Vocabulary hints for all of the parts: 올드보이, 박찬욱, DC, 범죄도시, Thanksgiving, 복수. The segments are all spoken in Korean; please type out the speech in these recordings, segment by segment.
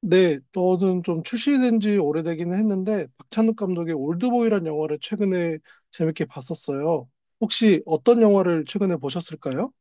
네, 너는 좀 출시된 지 오래되긴 했는데 박찬욱 감독의 올드보이란 영화를 최근에 재밌게 봤었어요. 혹시 어떤 영화를 최근에 보셨을까요?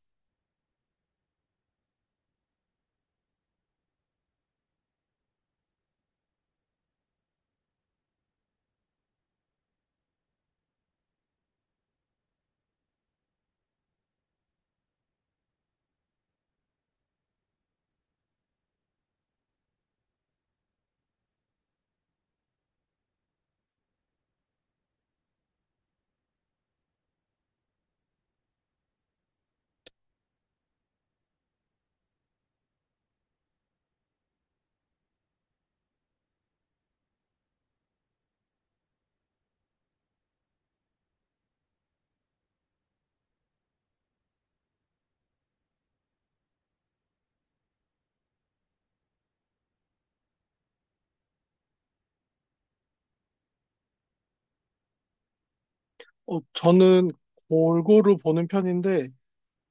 저는 골고루 보는 편인데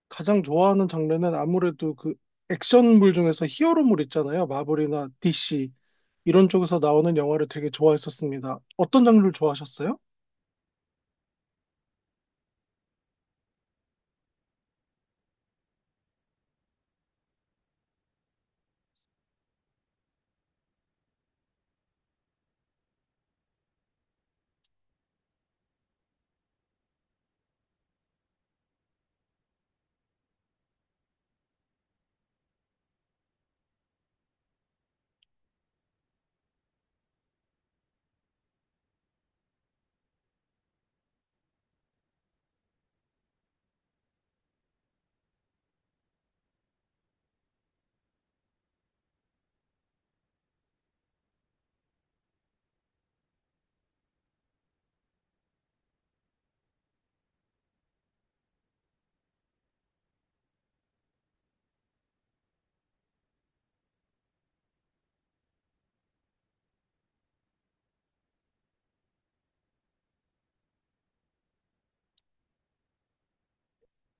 가장 좋아하는 장르는 아무래도 그 액션물 중에서 히어로물 있잖아요. 마블이나 DC 이런 쪽에서 나오는 영화를 되게 좋아했었습니다. 어떤 장르를 좋아하셨어요?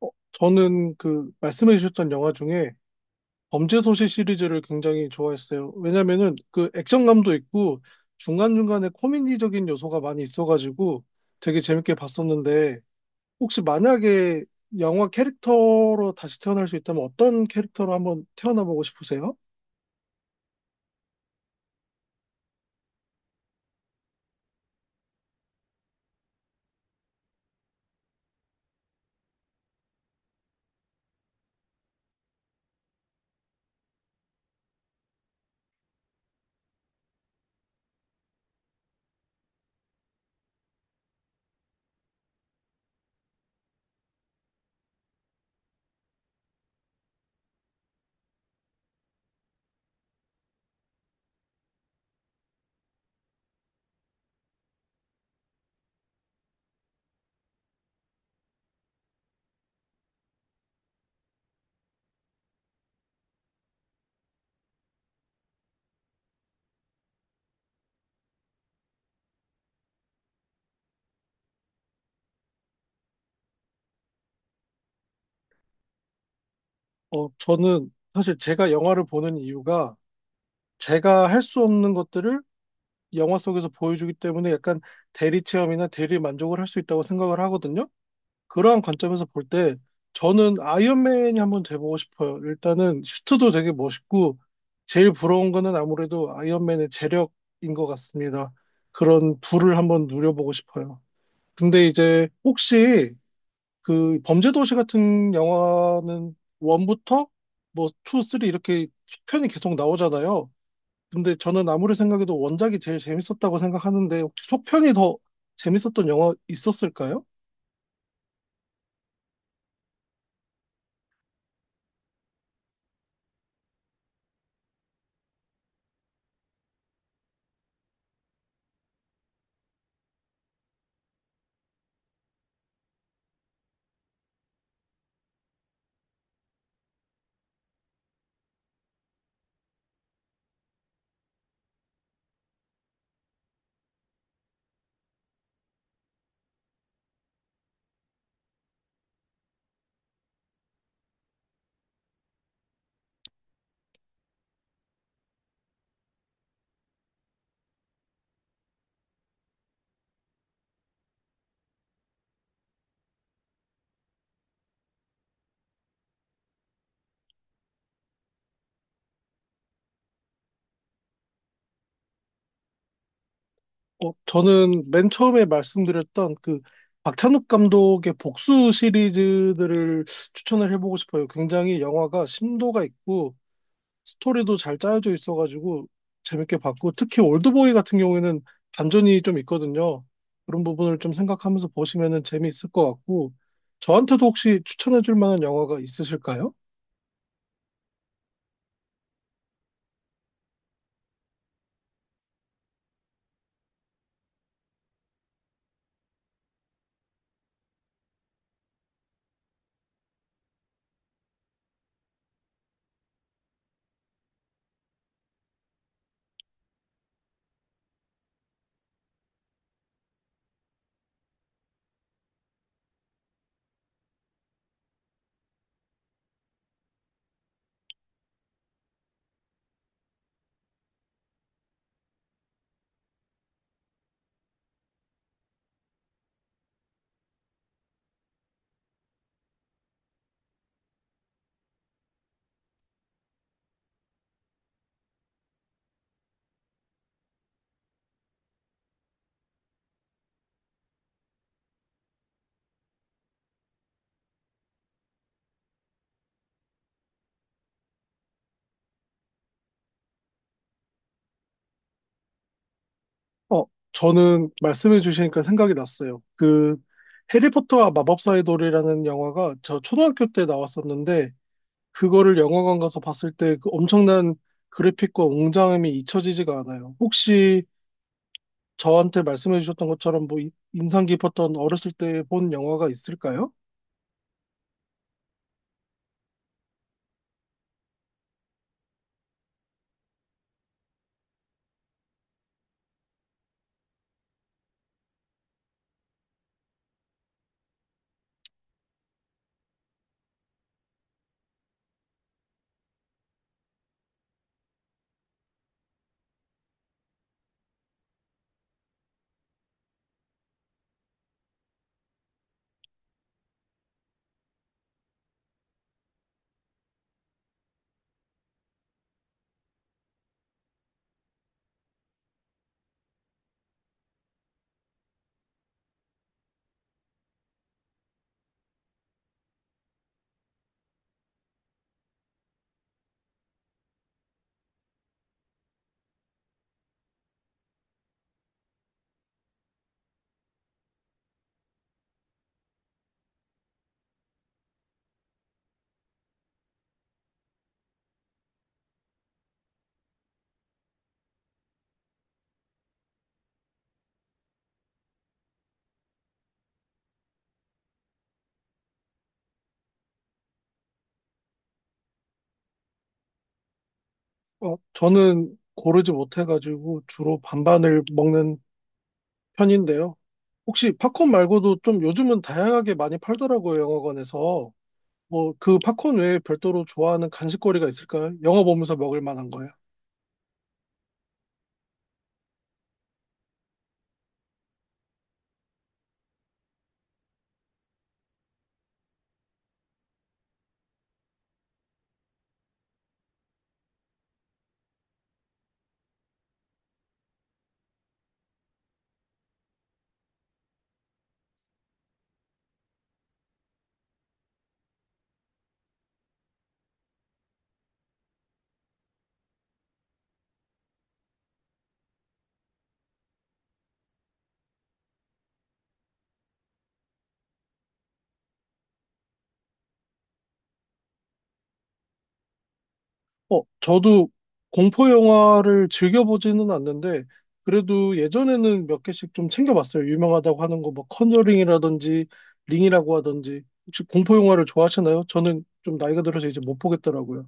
어, 저는 그 말씀해 주셨던 영화 중에 범죄도시 시리즈를 굉장히 좋아했어요. 왜냐면은 그 액션감도 있고 중간중간에 코미디적인 요소가 많이 있어가지고 되게 재밌게 봤었는데 혹시 만약에 영화 캐릭터로 다시 태어날 수 있다면 어떤 캐릭터로 한번 태어나보고 싶으세요? 저는 사실 제가 영화를 보는 이유가 제가 할 수 없는 것들을 영화 속에서 보여주기 때문에 약간 대리 체험이나 대리 만족을 할 수 있다고 생각을 하거든요. 그러한 관점에서 볼 때 저는 아이언맨이 한번 돼보고 싶어요. 일단은 슈트도 되게 멋있고 제일 부러운 거는 아무래도 아이언맨의 재력인 것 같습니다. 그런 부를 한번 누려보고 싶어요. 근데 이제 혹시 그 범죄도시 같은 영화는 원부터뭐 투, 쓰리 이렇게 속편이 계속 나오잖아요. 근데 저는 아무리 생각해도 원작이 제일 재밌었다고 생각하는데 혹시 속편이 더 재밌었던 영화 있었을까요? 저는 맨 처음에 말씀드렸던 그 박찬욱 감독의 복수 시리즈들을 추천을 해보고 싶어요. 굉장히 영화가 심도가 있고 스토리도 잘 짜여져 있어가지고 재밌게 봤고 특히 올드보이 같은 경우에는 반전이 좀 있거든요. 그런 부분을 좀 생각하면서 보시면은 재미있을 것 같고 저한테도 혹시 추천해 줄 만한 영화가 있으실까요? 어, 저는 말씀해 주시니까 생각이 났어요. 그 해리포터와 마법사의 돌이라는 영화가 저 초등학교 때 나왔었는데 그거를 영화관 가서 봤을 때 그 엄청난 그래픽과 웅장함이 잊혀지지가 않아요. 혹시 저한테 말씀해 주셨던 것처럼 뭐 인상 깊었던 어렸을 때 본 영화가 있을까요? 저는 고르지 못해가지고 주로 반반을 먹는 편인데요. 혹시 팝콘 말고도 좀 요즘은 다양하게 많이 팔더라고요, 영화관에서. 뭐, 그 팝콘 외에 별도로 좋아하는 간식거리가 있을까요? 영화 보면서 먹을 만한 거예요. 저도 공포 영화를 즐겨보지는 않는데, 그래도 예전에는 몇 개씩 좀 챙겨봤어요. 유명하다고 하는 거, 뭐, 컨저링이라든지, 링이라고 하든지. 혹시 공포 영화를 좋아하시나요? 저는 좀 나이가 들어서 이제 못 보겠더라고요.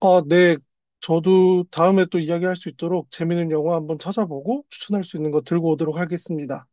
아, 네. 저도 다음에 또 이야기할 수 있도록 재밌는 영화 한번 찾아보고 추천할 수 있는 거 들고 오도록 하겠습니다.